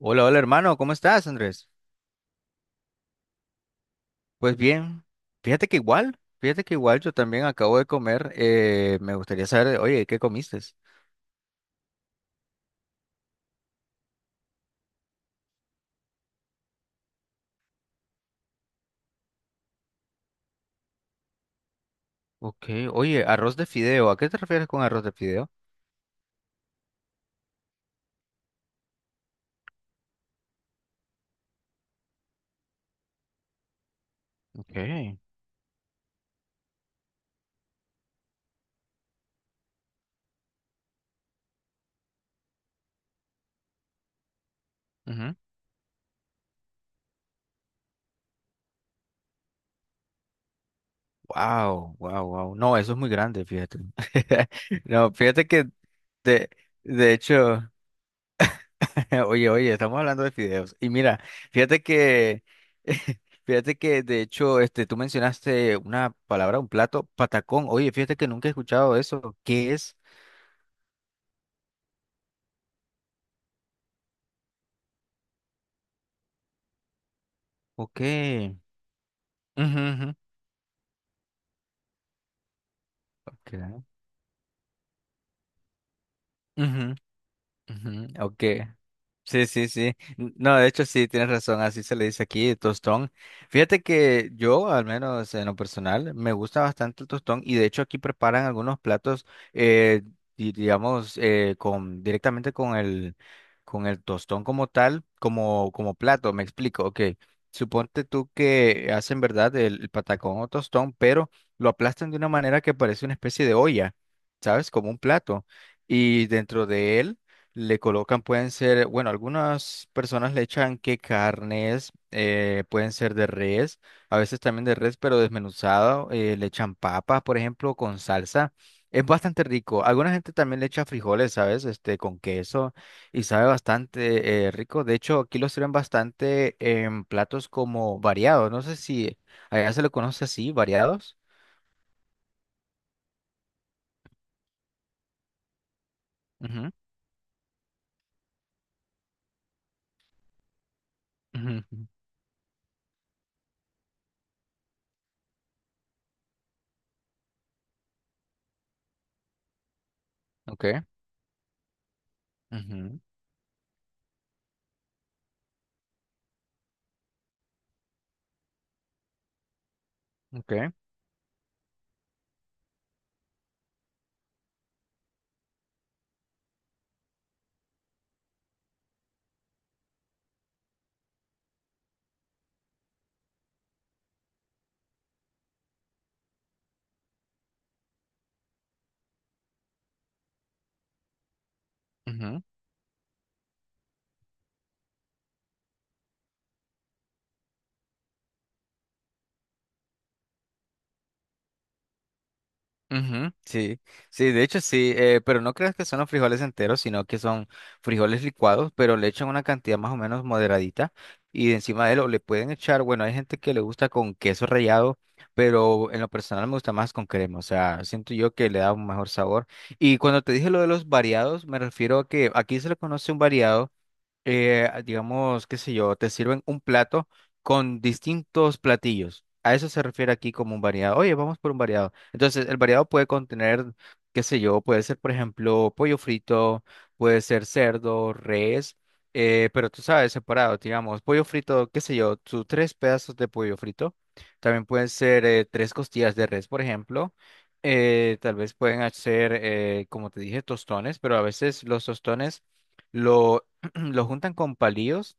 Hola, hola hermano, ¿cómo estás, Andrés? Pues bien, fíjate que igual yo también acabo de comer, me gustaría saber, oye, ¿qué comiste? Ok, oye, arroz de fideo, ¿a qué te refieres con arroz de fideo? Okay. Ujú. Wow, wow, wow. No, eso es muy grande, fíjate. No, fíjate que de, de hecho. Oye, oye, estamos hablando de fideos. Y mira, fíjate que, fíjate que de hecho, este, tú mencionaste una palabra, un plato, patacón. Oye, fíjate que nunca he escuchado eso. ¿Qué es? ¿O qué? Ujú, ujú. Ok. Ujú, ujú, ok. Sí, sí, sí. No, de hecho sí, tienes razón, así se le dice aquí, tostón. Fíjate que yo, al menos en lo personal, me gusta bastante el tostón y de hecho aquí preparan algunos platos, eh, digamos, con, directamente con el tostón como tal, como, como plato, me explico, ok. Suponte tú que hacen, ¿verdad?, el patacón o tostón, pero lo aplastan de una manera que parece una especie de olla, ¿sabes? Como un plato. Y dentro de él le colocan, pueden ser, bueno, algunas personas le echan que carnes, pueden ser de res, a veces también de res, pero desmenuzado, le echan papas, por ejemplo, con salsa. Es bastante rico. Alguna gente también le echa frijoles, ¿sabes? Este, con queso y sabe bastante rico. De hecho, aquí lo sirven bastante en platos como variados. No sé si allá se lo conoce así, variados. Ujú, ujú, ujú. Ok, ujú, ok, ujú. Ujú, sí, sí, de hecho sí, pero no creas que son los frijoles enteros, sino que son frijoles licuados, pero le echan una cantidad más o menos moderadita y encima de lo le pueden echar, bueno, hay gente que le gusta con queso rallado, pero en lo personal me gusta más con crema, o sea, siento yo que le da un mejor sabor. Y cuando te dije lo de los variados, me refiero a que aquí se le conoce un variado digamos, qué sé yo, te sirven un plato con distintos platillos. A eso se refiere aquí como un variado. Oye, vamos por un variado. Entonces, el variado puede contener, qué sé yo, puede ser, por ejemplo, pollo frito, puede ser cerdo, res, pero tú sabes, separado, digamos, pollo frito, qué sé yo, tus tres pedazos de pollo frito. También pueden ser tres costillas de res, por ejemplo. Tal vez pueden hacer, como te dije, tostones, pero a veces los tostones lo juntan con palillos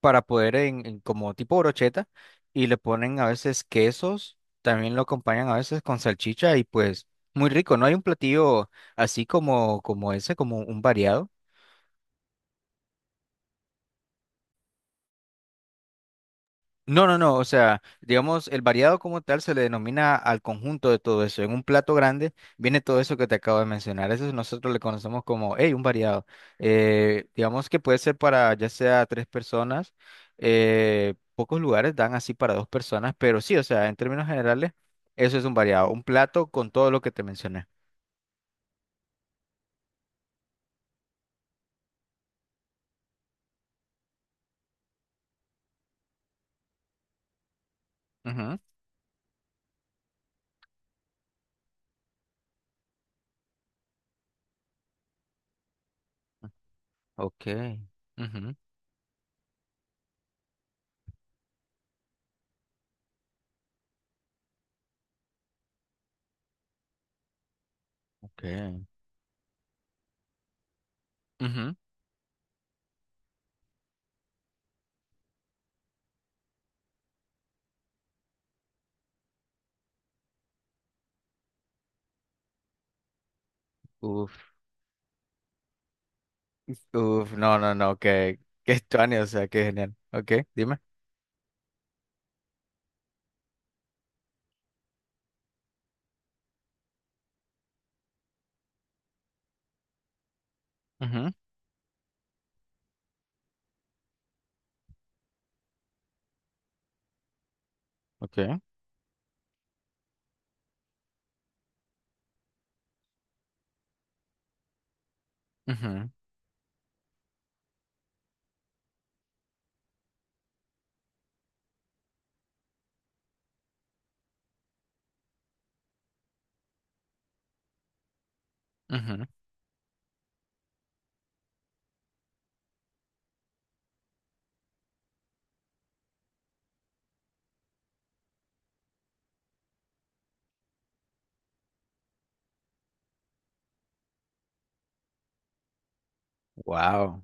para poder en como tipo brocheta y le ponen a veces quesos, también lo acompañan a veces con salchicha y pues muy rico, no hay un platillo así como como ese, como un variado. No, no, no, o sea, digamos, el variado como tal se le denomina al conjunto de todo eso. En un plato grande viene todo eso que te acabo de mencionar. Eso nosotros le conocemos como, hey, un variado. Digamos que puede ser para ya sea tres personas. Pocos lugares dan así para dos personas, pero sí, o sea, en términos generales, eso es un variado. Un plato con todo lo que te mencioné. Ujú, ok. Ujú, ok, ujú. Uf, uf, no, no, no, que estuani, o sea, qué genial. Ok, dime. Okay. Ujú, ujú. Wow.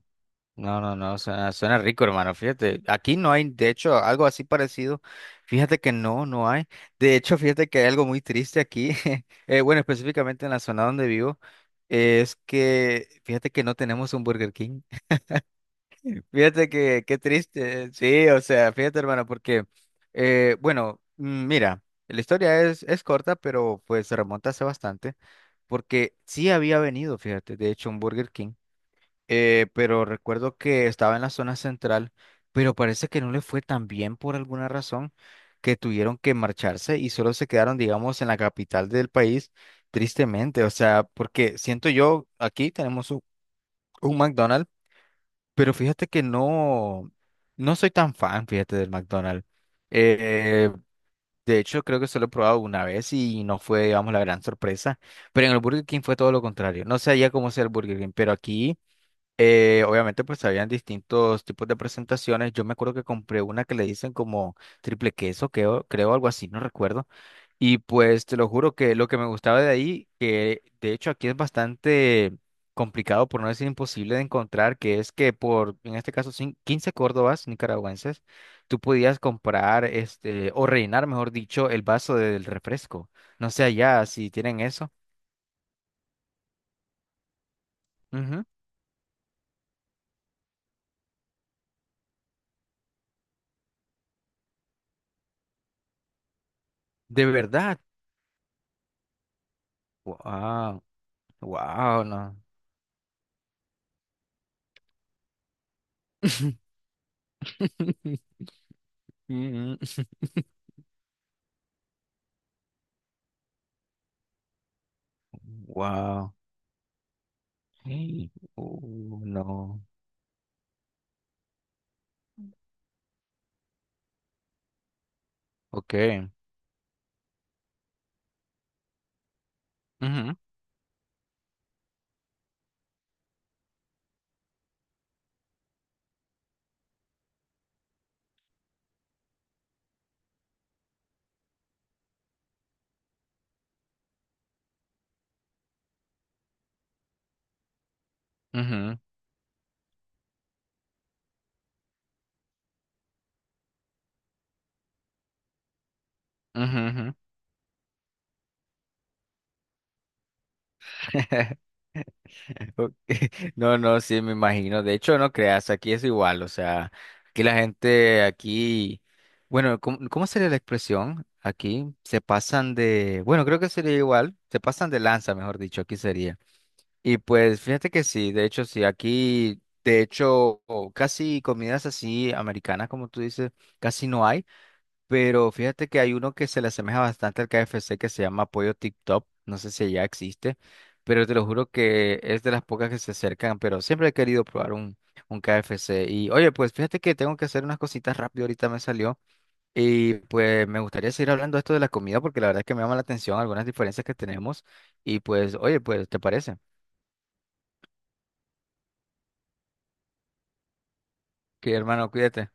No, no, no, suena, suena rico, hermano. Fíjate, aquí no hay, de hecho, algo así parecido. Fíjate que no, no hay. De hecho, fíjate que hay algo muy triste aquí. Bueno, específicamente en la zona donde vivo, es que, fíjate que no tenemos un Burger King. Fíjate que, qué triste. Sí, o sea, fíjate, hermano, porque, bueno, mira, la historia es corta, pero pues se remonta hace bastante, porque sí había venido, fíjate, de hecho, un Burger King. Pero recuerdo que estaba en la zona central, pero parece que no le fue tan bien por alguna razón que tuvieron que marcharse y solo se quedaron, digamos, en la capital del país, tristemente. O sea, porque siento yo, aquí tenemos un McDonald's, pero fíjate que no, no soy tan fan, fíjate, del McDonald's. Eh, de hecho, creo que solo he probado una vez y no fue, digamos, la gran sorpresa, pero en el Burger King fue todo lo contrario. No sé allá cómo sea el Burger King, pero aquí... Obviamente, pues habían distintos tipos de presentaciones. Yo me acuerdo que compré una que le dicen como triple queso, creo, creo algo así, no recuerdo. Y pues te lo juro que lo que me gustaba de ahí, que de hecho aquí es bastante complicado, por no decir imposible de encontrar, que es que por, en este caso, 15 córdobas nicaragüenses, tú podías comprar, este, o rellenar, mejor dicho, el vaso del refresco. No sé allá si tienen eso. Ujú. De verdad. Wow, wow, no. Wow. Hey. Oh, no. Okay. Ujú, ujú, ujú, ujú. Ok. No, no, sí, me imagino. De hecho, no creas, aquí es igual. O sea, aquí la gente, aquí, bueno, ¿cómo, cómo sería la expresión? Aquí se pasan de, bueno, creo que sería igual, se pasan de lanza, mejor dicho, aquí sería. Y pues fíjate que sí, de hecho sí, aquí de hecho o casi comidas así americanas como tú dices, casi no hay, pero fíjate que hay uno que se le asemeja bastante al KFC que se llama Pollo tip top no sé si ya existe, pero te lo juro que es de las pocas que se acercan, pero siempre he querido probar un KFC. Y oye, pues fíjate que tengo que hacer unas cositas rápido, ahorita me salió, y pues me gustaría seguir hablando de esto de la comida porque la verdad es que me llama la atención algunas diferencias que tenemos, y pues oye, pues ¿te parece? Que hermano, cuídate.